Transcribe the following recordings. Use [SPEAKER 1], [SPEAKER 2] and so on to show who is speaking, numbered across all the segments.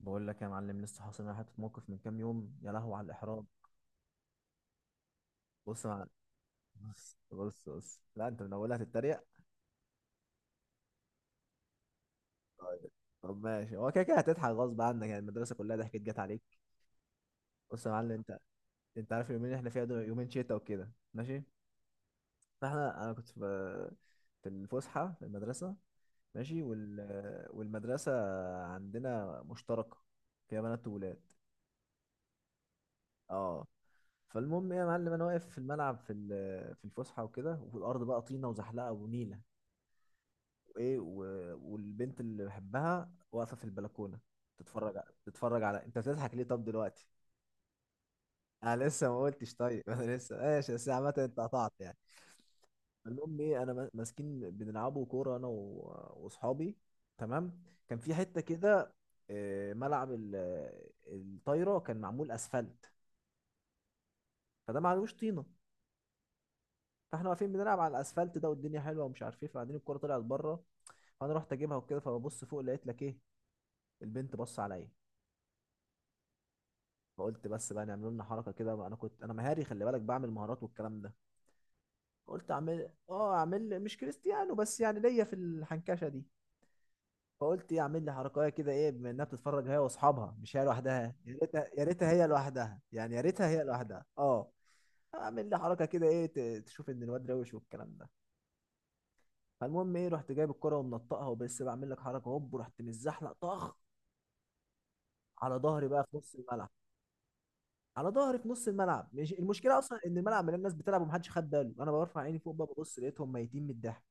[SPEAKER 1] بقول لك يا معلم، لسه حاصل معايا حته موقف من كام يوم، يا لهو على الاحراج. بص يا معلم. بص بص بص، لا انت من اولها هتتريق. طيب. طب ماشي، هو كده كده هتضحك غصب عنك يعني، المدرسه كلها ضحكت جت عليك. بص يا معلم، انت عارف اليومين اللي احنا فيها دول، يومين شتا وكده. ماشي، انا كنت في الفسحه في المدرسه. ماشي والمدرسه عندنا مشتركه، فيها بنات وولاد. اه. فالمهم ايه يا معلم، انا واقف في الملعب في الفسحه وكده، وفي الارض بقى طينه وزحلقه ونيله. وايه، والبنت اللي بحبها واقفه في البلكونه، تتفرج على. انت بتضحك ليه طب دلوقتي؟ انا لسه ما قلتش طيب. انا لسه ماشي بس، عامه انت قطعت يعني. المهم ايه، انا ماسكين بنلعبوا كوره انا واصحابي. تمام. كان في حته كده، ملعب الطايره، كان معمول اسفلت. فده معلوش طينه. فاحنا واقفين بنلعب على الاسفلت ده، والدنيا حلوه ومش عارف ايه. فبعدين الكوره طلعت بره، فانا رحت اجيبها وكده. فببص فوق لقيت لك ايه، البنت بص عليا. فقلت بس بقى نعمل لنا حركه كده بقى. انا كنت مهاري، خلي بالك، بعمل مهارات والكلام ده. قلت اعمل، اعمل، مش كريستيانو بس يعني، ليا في الحنكشه دي. فقلت ايه، اعمل لي حركه كده ايه، بما انها بتتفرج هي واصحابها، مش هي لوحدها. يا ريتها هي لوحدها يعني، يا ريتها هي لوحدها. اه. اعمل لي حركه كده ايه، تشوف ان الواد روش والكلام ده. فالمهم ايه، رحت جايب الكرة ومنطقها، وبس بعمل لك حركة هوب، ورحت متزحلق طخ على ظهري بقى في نص الملعب. على ظهري في نص الملعب. مش المشكلة اصلا ان الملعب مليان الناس بتلعب ومحدش خد باله. انا برفع عيني فوق بقى، ببص لقيتهم ميتين من الضحك.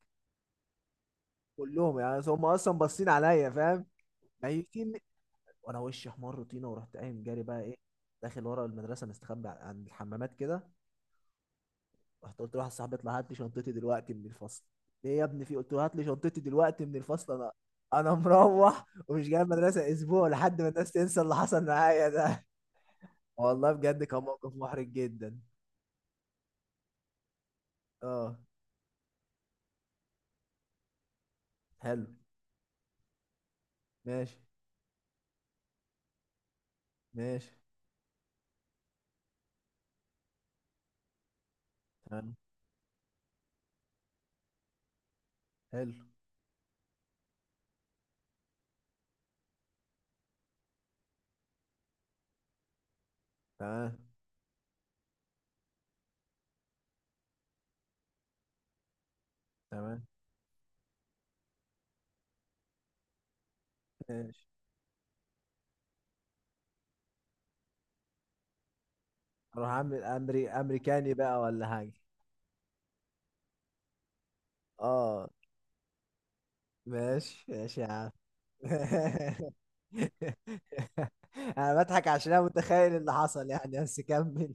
[SPEAKER 1] كلهم يعني، هم اصلا باصين عليا فاهم. ميتين من- وانا وشي احمر طينة، ورحت قايم جاري بقى ايه، داخل ورا المدرسة مستخبي عند الحمامات كده. رحت قلت لواحد صاحبي اطلع هات لي شنطتي دلوقتي من الفصل. ليه يا ابني، في قلت له هات لي شنطتي دلوقتي من الفصل. انا انا مروح ومش جاي المدرسه اسبوع لحد ما الناس تنسى اللي حصل معايا ده. والله بجد، كان موقف محرج جدا. اه. حلو. ماشي ماشي. تمام. حلو. تمام تمام. ماشي. اروح اعمل امري امريكاني بقى ولا حاجه. اه، ماشي ماشي يا عم. انا بضحك عشان انا متخيل اللي حصل يعني، بس كمل.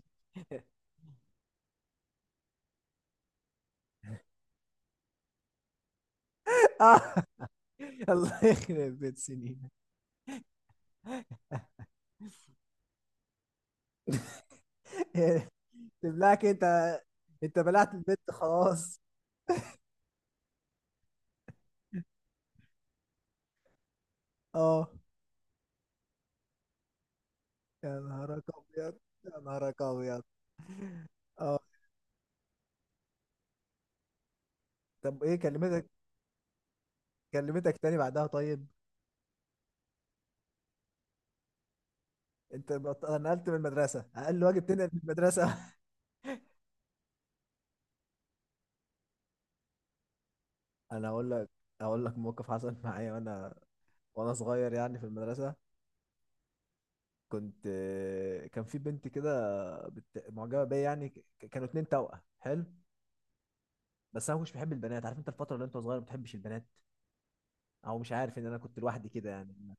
[SPEAKER 1] الله يخرب بيت سنين. تبلعك انت؟ انت بلعت البت خلاص. اه. يا نهارك ابيض يا نهارك ابيض. اه، طب ايه كلمتك؟ كلمتك تاني بعدها؟ طيب. انت نقلت من المدرسه؟ اقل واجب تنقل من المدرسه. انا اقول لك، موقف حصل معايا وانا، صغير يعني في المدرسه. كنت كان في بنت كده، معجبه بيا يعني. كانوا اتنين توأم حلو. بس انا مش بحب البنات. عارف انت الفتره اللي انت صغير ما بتحبش البنات، او مش عارف، ان انا كنت لوحدي كده يعني.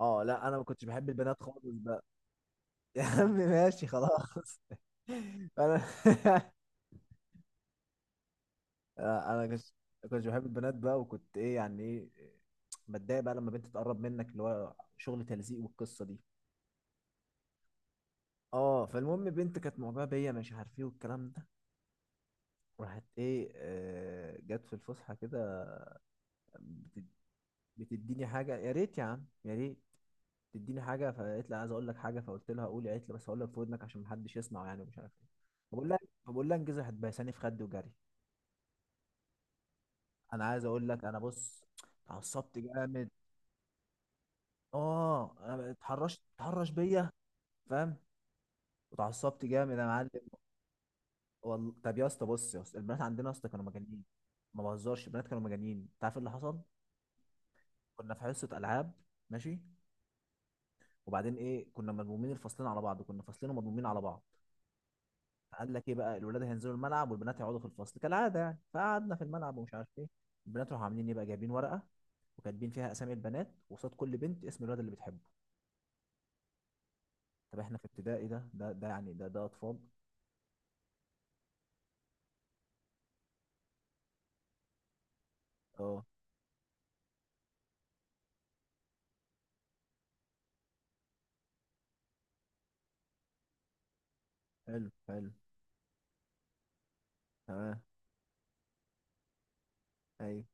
[SPEAKER 1] اه، لا انا ما كنتش بحب البنات خالص بقى. يا عم ماشي خلاص. انا انا كنت بحب البنات بقى، وكنت ايه يعني ايه، بتضايق بقى لما بنت تقرب منك، اللي هو شغل تلزيق والقصه دي. اه. فالمهم، بنت كانت معجبه بيا، مش عارف ايه والكلام ده. راحت ايه، جت في الفسحه كده، بت- بتديني حاجه يا ريت يا عم يا ريت تديني حاجه. فقالت لي عايز اقول لك حاجه. فقلت لها قولي. قالت لي بس هقول لك في ودنك عشان محدش يسمع يعني، ومش عارف ايه. فبقول لها فبقول لها انجزي، هتبهساني في خدي وجري. انا عايز اقول لك انا، بص، اتعصبت جامد. اه، أنا اتحرش بيا فاهم. اتعصبت جامد يا معلم. والله. طب يا اسطى، بص يا اسطى، البنات عندنا يا اسطى كانوا مجانين. ما بهزرش، البنات كانوا مجانين. انت عارف إيه اللي حصل؟ كنا في حصه العاب. ماشي. وبعدين ايه، كنا مضمومين الفصلين على بعض، كنا فصلين ومضمومين على بعض. قال لك ايه بقى، الولاد هينزلوا الملعب والبنات هيقعدوا في الفصل كالعاده يعني. فقعدنا في الملعب ومش عارف ايه. البنات راحوا عاملين ايه بقى، جايبين ورقه وكاتبين فيها اسامي البنات، وقصاد كل بنت اسم الولد اللي بتحبه. طب احنا في ابتدائي، ده يعني، ده اطفال. اه. حلو حلو. تمام. ايوه.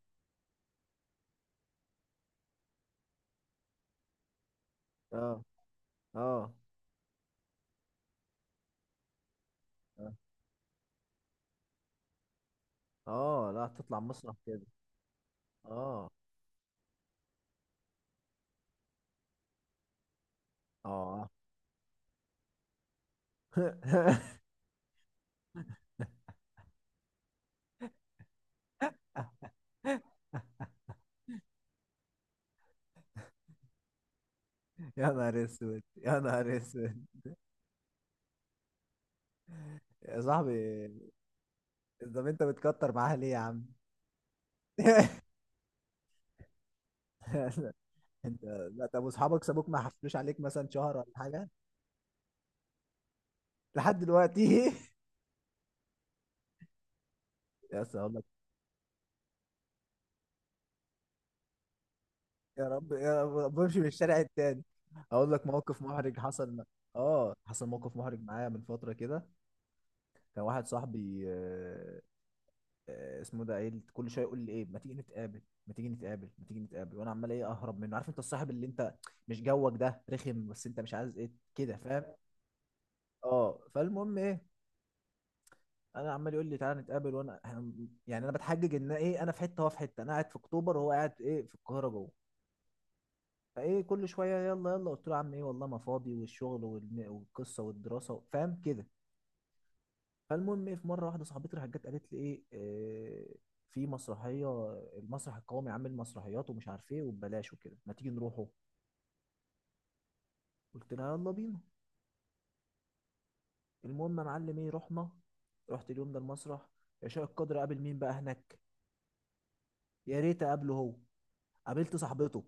[SPEAKER 1] اه اه اه. لا، تطلع مسرح كده. اه اه. يا نهار اسود يا نهار اسود. يا صاحبي. طب انت بتكتر معاها ليه يا عم؟ انت. لا، طب واصحابك سابوك ما حفلوش عليك مثلا شهر ولا حاجه؟ لحد دلوقتي. يا اسطى اقول لك. يا رب يا رب بمشي من الشارع التاني. اقول لك موقف محرج حصل م- اه حصل موقف محرج معايا من فتره كده. كان واحد صاحبي، اسمه ده، قايل كل شويه يقول لي ايه، ما تيجي نتقابل، ما تيجي نتقابل، ما تيجي نتقابل. وانا عمال ايه اهرب منه. عارف انت الصاحب اللي انت مش جوك ده، رخم بس انت مش عايز، ايه كده فاهم. اه، فالمهم ايه، انا عمال يقول لي تعالى نتقابل، وانا يعني انا بتحجج ان ايه، انا في حته وهو في حته، انا قاعد في اكتوبر وهو قاعد ايه في القاهره جوه. فايه كل شويه يلا يلا. قلت له يا عم ايه، والله ما فاضي، والشغل والقصه والدراسه، فاهم كده. فالمهم ايه، في مره واحده صاحبتي راحت جت قالت لي ايه، في مسرحيه، المسرح القومي عامل مسرحيات ومش عارف ايه وببلاش وكده، ما تيجي نروحه. قلت لها يلا بينا. المهم يا معلم ايه، رحنا، رحت اليوم ده المسرح. عشاء القدر قابل مين بقى هناك؟ يا ريت اقابله هو، قابلت صاحبته.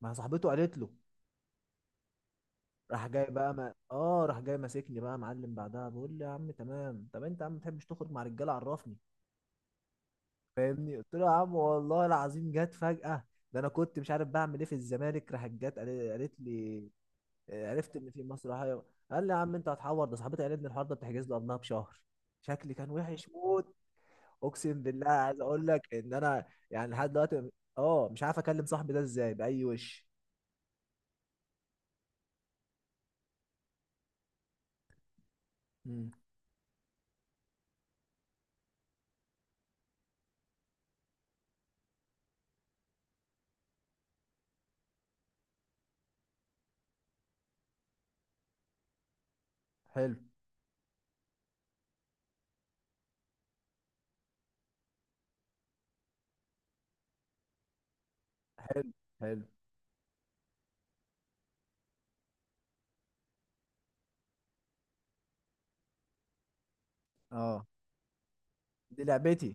[SPEAKER 1] ما صاحبته قالت له. راح جاي بقى، ما اه راح جاي ماسكني بقى يا معلم. بعدها بقول لي يا عم تمام، طب انت يا عم ما بتحبش تخرج مع رجاله، عرفني فاهمني. قلت له يا عم والله العظيم جت فجأة. ده انا كنت مش عارف بعمل ايه في الزمالك. راحت جت قالت لي، عرفت ان في مسرحيه. قال لي يا عم انت هتحور؟ ده صاحبتي قالت لي الحوار ده بتحجز له قبلها بشهر. شكلي كان وحش موت. اقسم بالله عايز اقول لك ان انا يعني لحد دلوقتي، اه، مش عارف اكلم صاحبي ده ازاي، باي وش. امم حلو. حلو حلو. اه، دي لعبتي.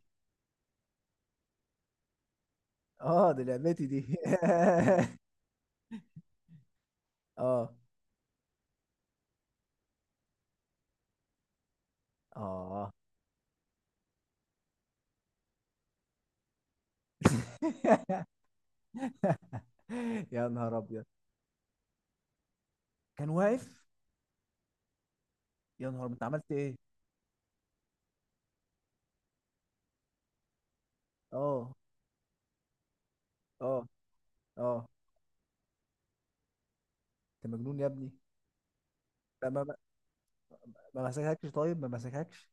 [SPEAKER 1] اه، دي لعبتي دي. اه اه. يا نهار ابيض. كان واقف. يا نهار انت عملت ايه؟ اه اه اه. انت مجنون يا ابني. لا، ما مسكهكش؟ طيب، ما مسكهكش.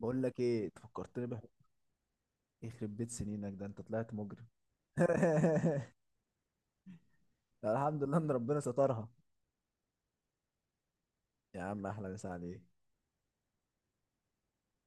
[SPEAKER 1] بقول لك ايه، أنت فكرتني. يخرب بيت سنينك، ده انت طلعت مجرم. لا، الحمد لله ان ربنا سترها. يا عم احلى مسا عليك.